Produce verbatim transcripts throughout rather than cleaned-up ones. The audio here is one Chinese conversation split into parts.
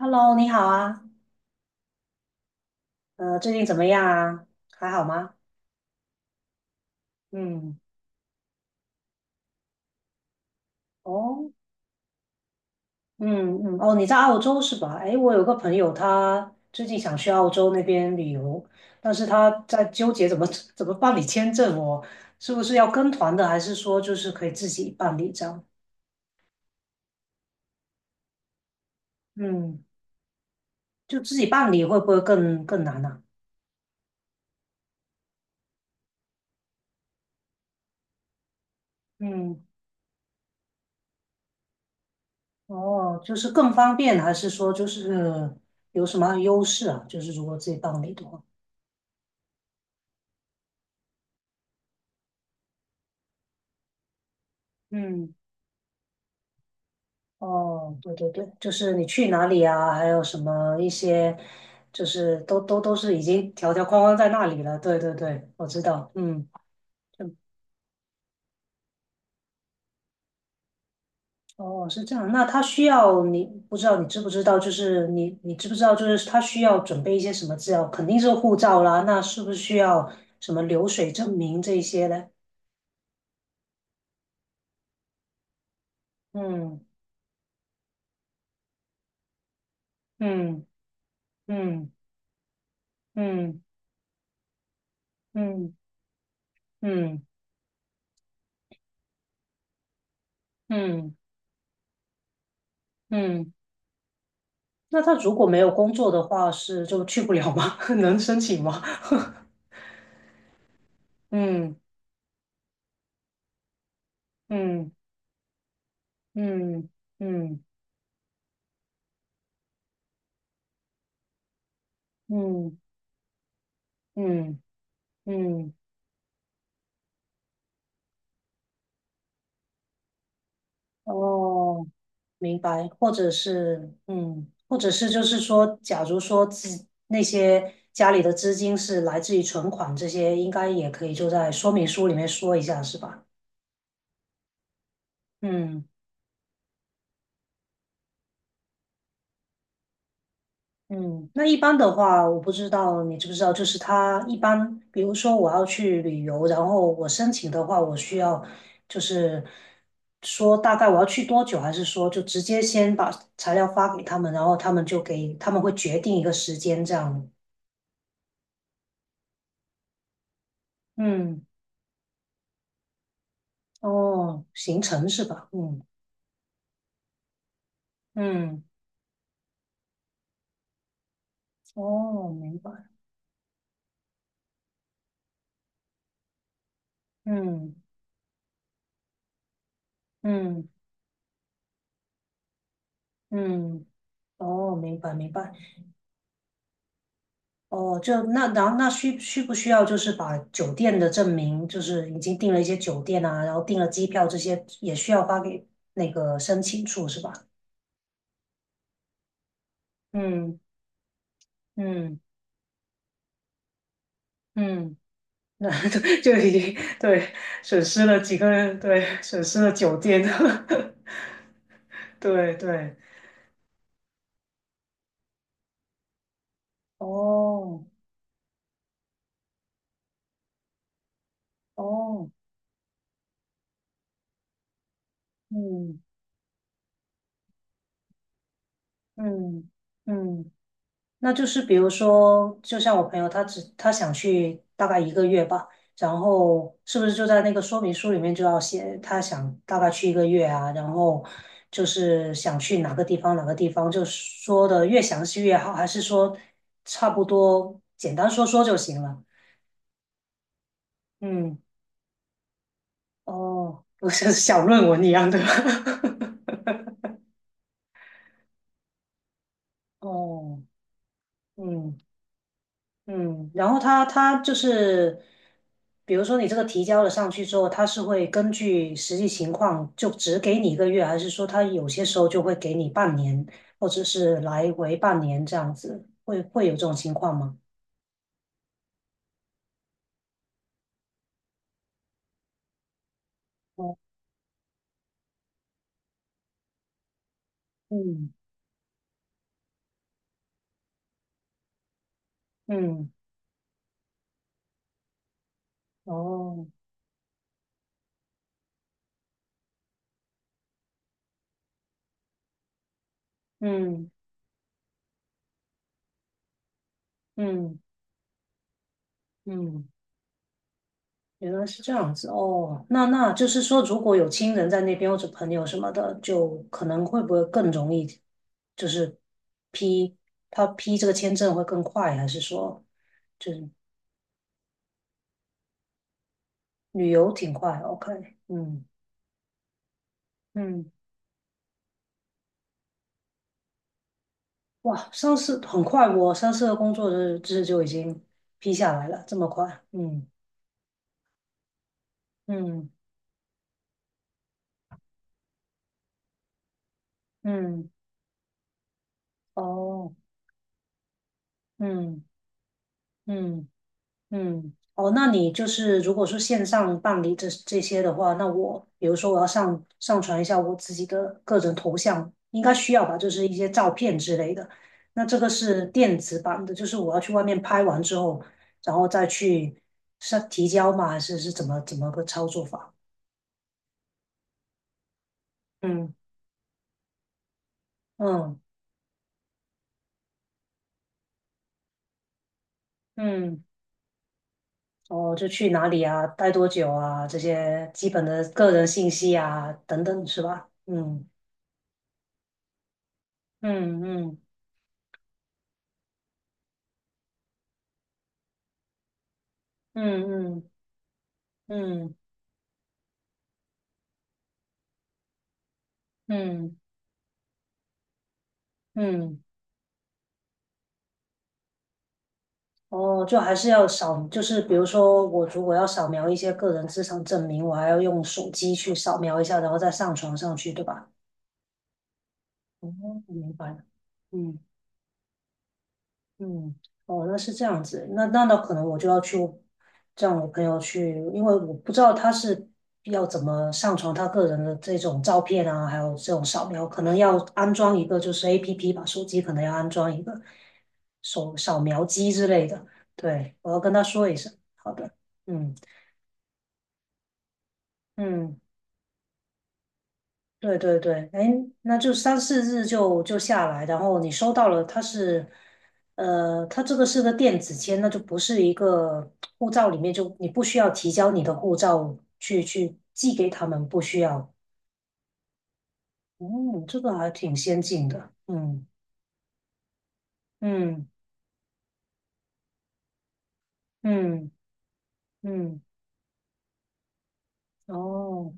Hello，你好啊，呃，最近怎么样啊？还好吗？嗯，哦，嗯嗯，哦，你在澳洲是吧？哎，我有个朋友，他最近想去澳洲那边旅游，但是他在纠结怎么 怎么办理签证哦，是不是要跟团的，还是说就是可以自己办理这样？嗯，就自己办理会不会更更难呢、嗯，哦，就是更方便，还是说就是有什么优势啊？就是如果自己办理的话，嗯哦，对对对，就是你去哪里啊，还有什么一些，就是都都都是已经条条框框在那里了。对对对，我知道，嗯，嗯哦，是这样。那他需要你，不知道你知不知道，就是你你知不知道，就是他需要准备一些什么资料？肯定是护照啦，那是不是需要什么流水证明这一些呢？嗯嗯嗯嗯嗯嗯嗯嗯嗯。那他如果没有工作的话，是就去不了吗？能申请吗？嗯嗯嗯嗯嗯嗯嗯，哦，明白。或者是嗯，或者是就是说，假如说自那些家里的资金是来自于存款，这些应该也可以就在说明书里面说一下，是吧？嗯。嗯，那一般的话，我不知道你知不知道，就是他一般，比如说我要去旅游，然后我申请的话，我需要就是说大概我要去多久，还是说就直接先把材料发给他们，然后他们就给他们会决定一个时间这样。嗯，哦，行程是吧？嗯嗯，哦，明白。嗯嗯嗯，哦，明白明白。哦，就那然后那需需不需要就是把酒店的证明，就是已经订了一些酒店啊，然后订了机票这些也需要发给那个申请处是吧？嗯嗯嗯，那 就就已经对损失了几个，人，对损失了酒店，对对，哦哦，嗯嗯嗯。那就是比如说，就像我朋友，他只他想去大概一个月吧，然后是不是就在那个说明书里面就要写他想大概去一个月啊，然后就是想去哪个地方哪个地方，就说的越详细越好，还是说差不多简单说说就行了？嗯，哦，不是小论文一样的。哦，嗯。嗯，然后他他就是，比如说你这个提交了上去之后，他是会根据实际情况就只给你一个月，还是说他有些时候就会给你半年，或者是来回半年这样子，会会有这种情况吗？哦嗯，嗯，哦，嗯嗯嗯。原来是这样子哦，那那就是说，如果有亲人在那边或者朋友什么的，就可能会不会更容易，就是批他批这个签证会更快，还是说就是旅游挺快？OK,嗯嗯，哇，上次很快，我上次的工作日志就已经批下来了，这么快，嗯嗯嗯，哦，嗯嗯。嗯，哦，那你就是如果说线上办理这这些的话，那我比如说我要上上传一下我自己的个人头像，应该需要吧，就是一些照片之类的。那这个是电子版的，就是我要去外面拍完之后，然后再去上提交吗？还是是怎么怎么个操作法？嗯嗯嗯，哦，就去哪里啊，待多久啊，这些基本的个人信息啊，等等，是吧？嗯嗯嗯嗯嗯嗯。嗯嗯，哦，就还是要扫，就是比如说我如果要扫描一些个人资产证明，我还要用手机去扫描一下，然后再上传上去，对吧？哦，我明白了。嗯。嗯，哦，那是这样子，那那那可能我就要去让我朋友去，因为我不知道他是要怎么上传他个人的这种照片啊，还有这种扫描，可能要安装一个就是 A P P 吧，手机可能要安装一个手扫描机之类的。对，我要跟他说一声。好的，嗯嗯。对对对，哎，那就三四日就就下来，然后你收到了，它是，呃，它这个是个电子签，那就不是一个护照里面就你不需要提交你的护照去去寄给他们，不需要。嗯，这个还挺先进的。嗯嗯嗯嗯，哦。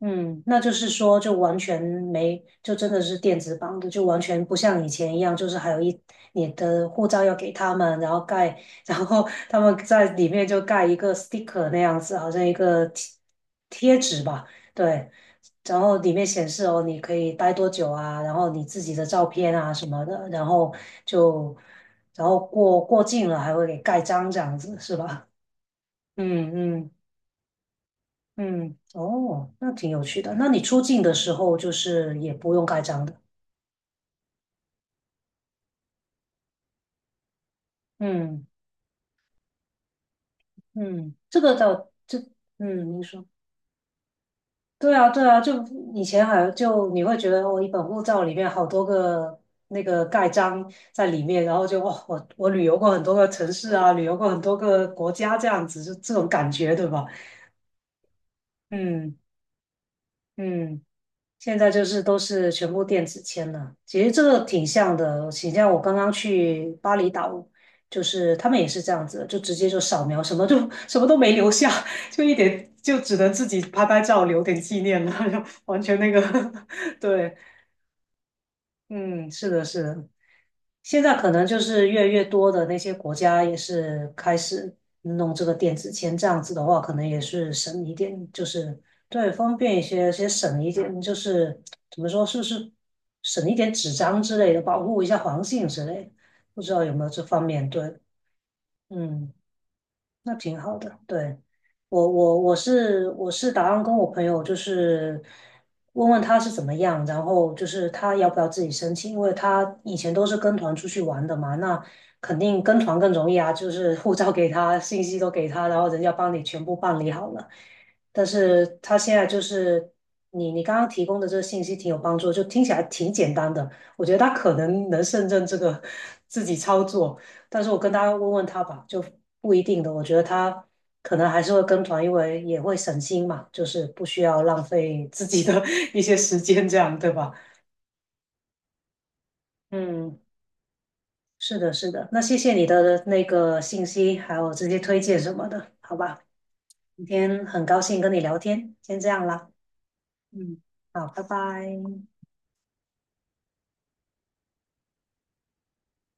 嗯，那就是说，就完全没，就真的是电子版的，就完全不像以前一样，就是还有一你的护照要给他们，然后盖，然后他们在里面就盖一个 sticker 那样子，好像一个贴贴纸吧，对，然后里面显示哦，你可以待多久啊，然后你自己的照片啊什么的，然后就然后过过境了还会给盖章这样子，是吧？嗯嗯。嗯，哦，那挺有趣的。那你出境的时候就是也不用盖章的。嗯嗯，这个倒这嗯，您说对啊对啊，就以前好像就你会觉得哦，一本护照里面好多个那个盖章在里面，然后就哇，我我旅游过很多个城市啊，旅游过很多个国家这样子，就这种感觉对吧？嗯嗯。现在就是都是全部电子签了，其实这个挺像的，挺像我刚刚去巴厘岛，就是他们也是这样子的，就直接就扫描，什么就什么都没留下，就一点就只能自己拍拍照留点纪念了，就完全那个，对，嗯，是的，是的，现在可能就是越来越多的那些国家也是开始弄这个电子签，这样子的话，可能也是省一点，就是对方便一些，先省一点，就是怎么说，是不是省一点纸张之类的，保护一下环境之类的，不知道有没有这方面对，嗯。那挺好的。对，我我我是我是打算跟我朋友就是问问他是怎么样，然后就是他要不要自己申请，因为他以前都是跟团出去玩的嘛，那肯定跟团更容易啊，就是护照给他，信息都给他，然后人家帮你全部办理好了。但是他现在就是你你刚刚提供的这个信息挺有帮助，就听起来挺简单的，我觉得他可能能胜任这个 自己操作。但是我跟他问问他吧，就不一定的。我觉得他可能还是会跟团，因为也会省心嘛，就是不需要浪费自己的 一些时间，这样对吧？嗯，是的，是的。那谢谢你的那个信息，还有这些推荐什么的，好吧？今天很高兴跟你聊天，先这样啦。嗯，好，拜拜。